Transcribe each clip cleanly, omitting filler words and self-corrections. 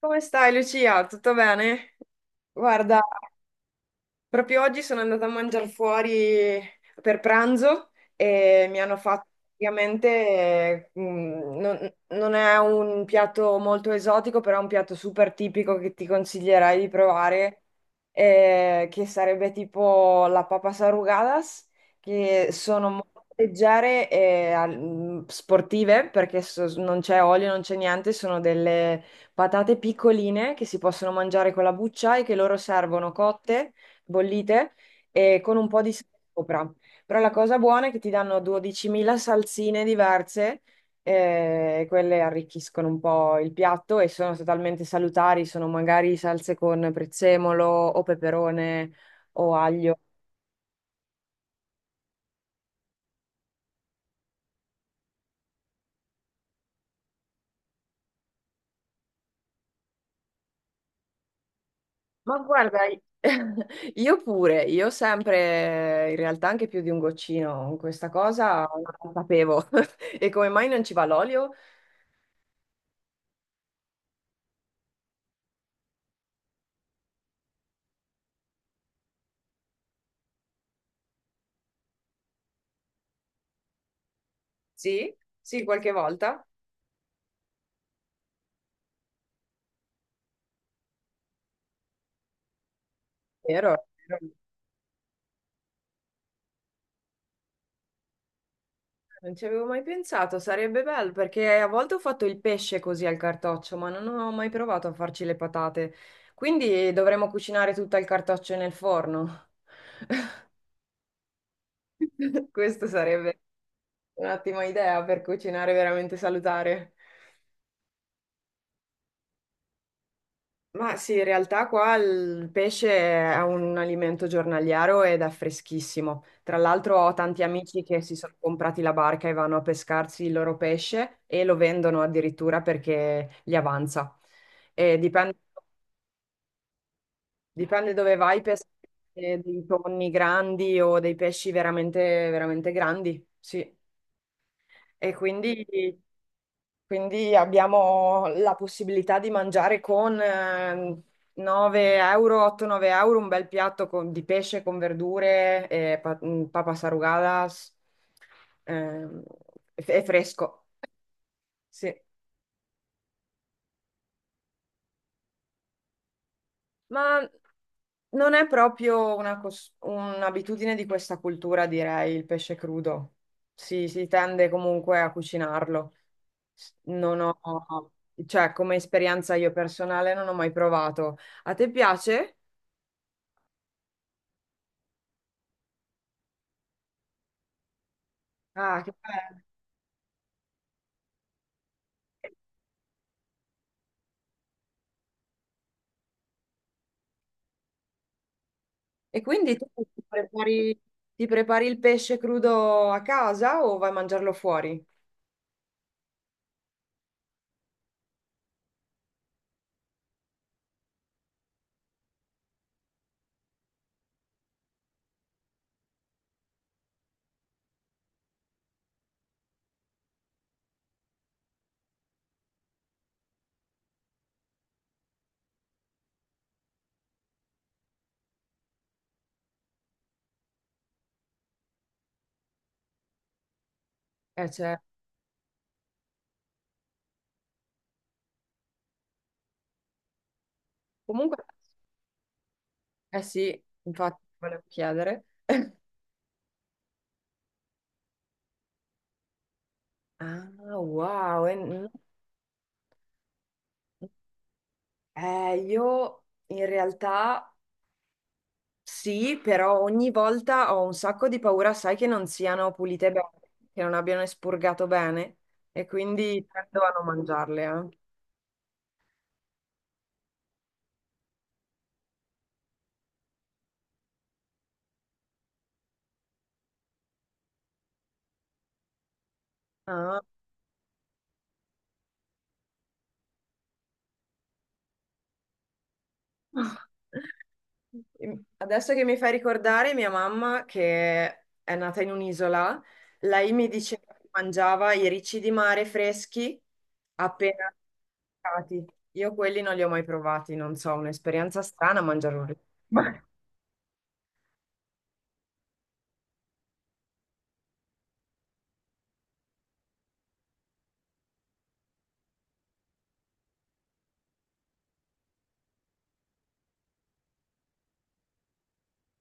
Come stai Lucia? Tutto bene? Guarda, proprio oggi sono andata a mangiare fuori per pranzo e mi hanno fatto praticamente, non è un piatto molto esotico, però è un piatto super tipico che ti consiglierei di provare, che sarebbe tipo la papas arrugadas, che sono molto leggere e sportive perché non c'è olio, non c'è niente, sono delle patate piccoline che si possono mangiare con la buccia e che loro servono cotte bollite e con un po' di sale sopra. Però la cosa buona è che ti danno 12.000 salsine diverse, e quelle arricchiscono un po' il piatto e sono totalmente salutari, sono magari salse con prezzemolo o peperone o aglio. Ma guarda, io pure, io sempre, in realtà anche più di un goccino, questa cosa non la sapevo. E come mai non ci va l'olio? Sì, sì, qualche volta. Vero. Non ci avevo mai pensato, sarebbe bello perché a volte ho fatto il pesce così al cartoccio, ma non ho mai provato a farci le patate. Quindi dovremmo cucinare tutto il cartoccio nel forno. Questa sarebbe un'ottima idea per cucinare veramente salutare. Ma sì, in realtà qua il pesce è un alimento giornaliero ed è freschissimo. Tra l'altro ho tanti amici che si sono comprati la barca e vanno a pescarsi il loro pesce e lo vendono addirittura perché gli avanza. E dipende, dipende dove vai, pescare dei tonni grandi o dei pesci veramente, veramente grandi. Sì. E quindi Quindi abbiamo la possibilità di mangiare con 9 euro, 8-9 euro un bel piatto di pesce con verdure e papas arrugadas, ehm, e fresco, sì. Ma non è proprio un'abitudine di questa cultura, direi, il pesce crudo. Si tende comunque a cucinarlo. Non ho, cioè, come esperienza io personale non ho mai provato. A te piace? Ah, che bello. E quindi tu ti prepari, ti prepari il pesce crudo a casa o vai a mangiarlo fuori? Cioè, comunque, eh sì, infatti, volevo chiedere. Ah, wow. Io in realtà sì, però ogni volta ho un sacco di paura, sai, che non siano pulite bene, che non abbiano espurgato bene, e quindi tendo a non mangiarle, eh. Ah. Adesso che mi fai ricordare, mia mamma, che è nata in un'isola, lei mi diceva che mangiava i ricci di mare freschi appena pescati. Io quelli non li ho mai provati, non so, un'esperienza strana mangiare un riccio. Ma-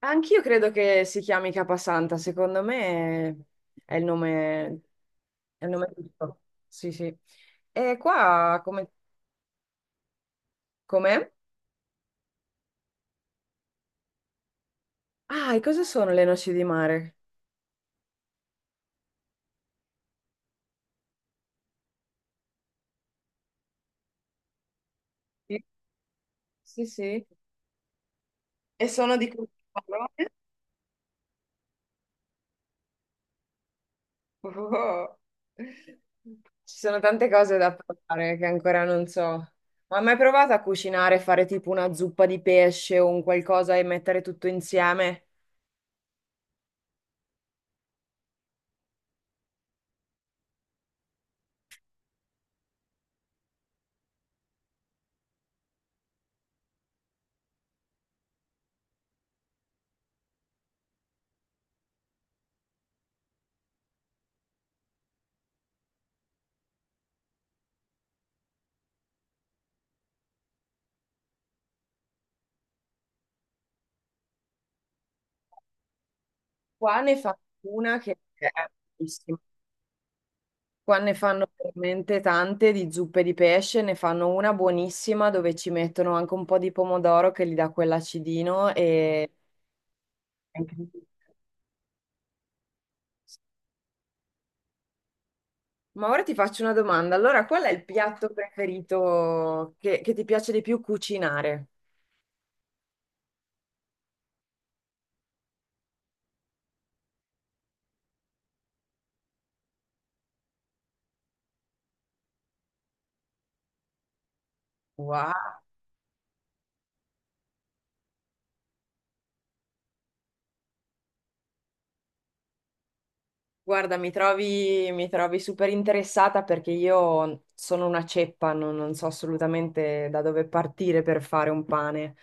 Anch'io credo che si chiami Capasanta, secondo me è il nome, è il nome giusto. Sì, sì. E qua come, com'è? Ah, e cosa sono le noci di mare? Sì, sì, sì. E sono di quelle parole. Oh. Ci sono tante cose da provare che ancora non so. Ma hai mai provato a cucinare, fare tipo una zuppa di pesce o un qualcosa e mettere tutto insieme? Qua ne fanno una che è buonissima. Qua ne fanno veramente tante di zuppe di pesce, ne fanno una buonissima dove ci mettono anche un po' di pomodoro che gli dà quell'acidino e... Ma ora ti faccio una domanda. Allora, qual è il piatto preferito che ti piace di più cucinare? Wow. Guarda, mi trovi super interessata perché io sono una ceppa, non so assolutamente da dove partire per fare un pane.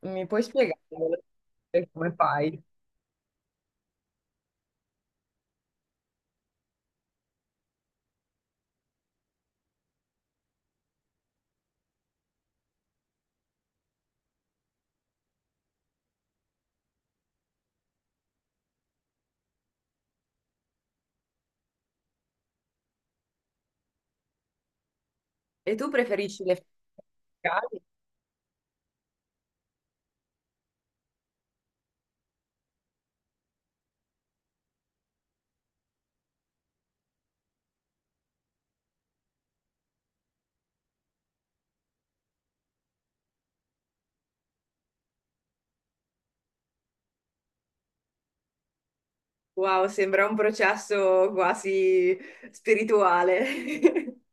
Mi puoi spiegare velocemente come fai? E tu preferisci le fette verticali? Wow, sembra un processo quasi spirituale.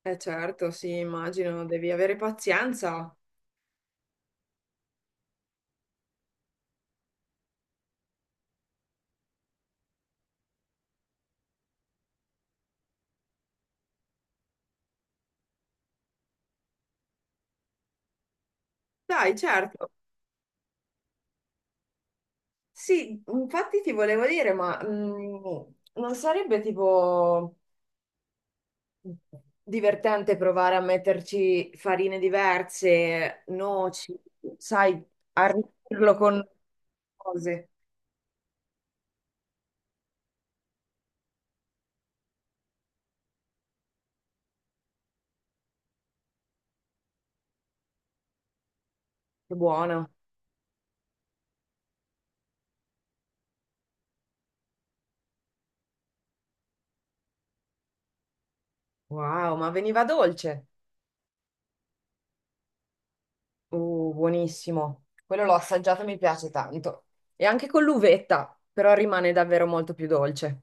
Eh certo, sì, immagino, devi avere pazienza. Dai, certo. Sì, infatti ti volevo dire, ma non sarebbe tipo divertente provare a metterci farine diverse, noci, sai, arricchirlo con cose. Che buono. Wow, ma veniva dolce. Buonissimo. Quello l'ho assaggiato e mi piace tanto. E anche con l'uvetta, però rimane davvero molto più dolce.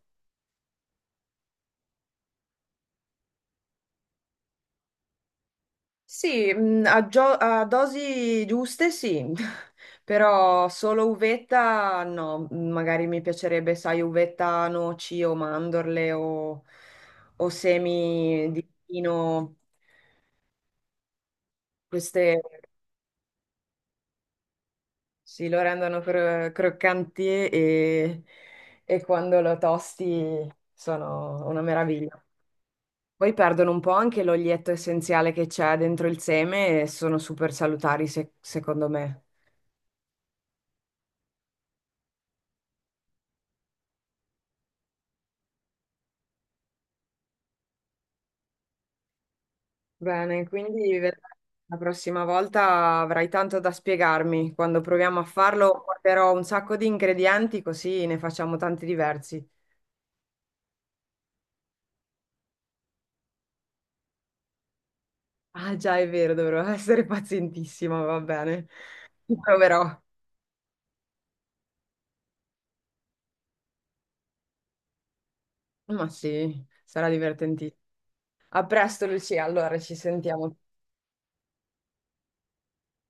Sì, a dosi giuste sì, però solo uvetta no, magari mi piacerebbe, sai, uvetta, noci o mandorle o semi di pino, queste sì, lo rendono croccanti e, e quando lo tosti sono una meraviglia. Poi perdono un po' anche l'olietto essenziale che c'è dentro il seme e sono super salutari, secondo me. Bene, quindi vedrai, la prossima volta avrai tanto da spiegarmi. Quando proviamo a farlo, porterò un sacco di ingredienti così ne facciamo tanti diversi. Ah, già, è vero, dovrò essere pazientissima, va bene. Ci proverò. Ma sì, sarà divertentissimo. A presto, Lucia. Allora, ci sentiamo.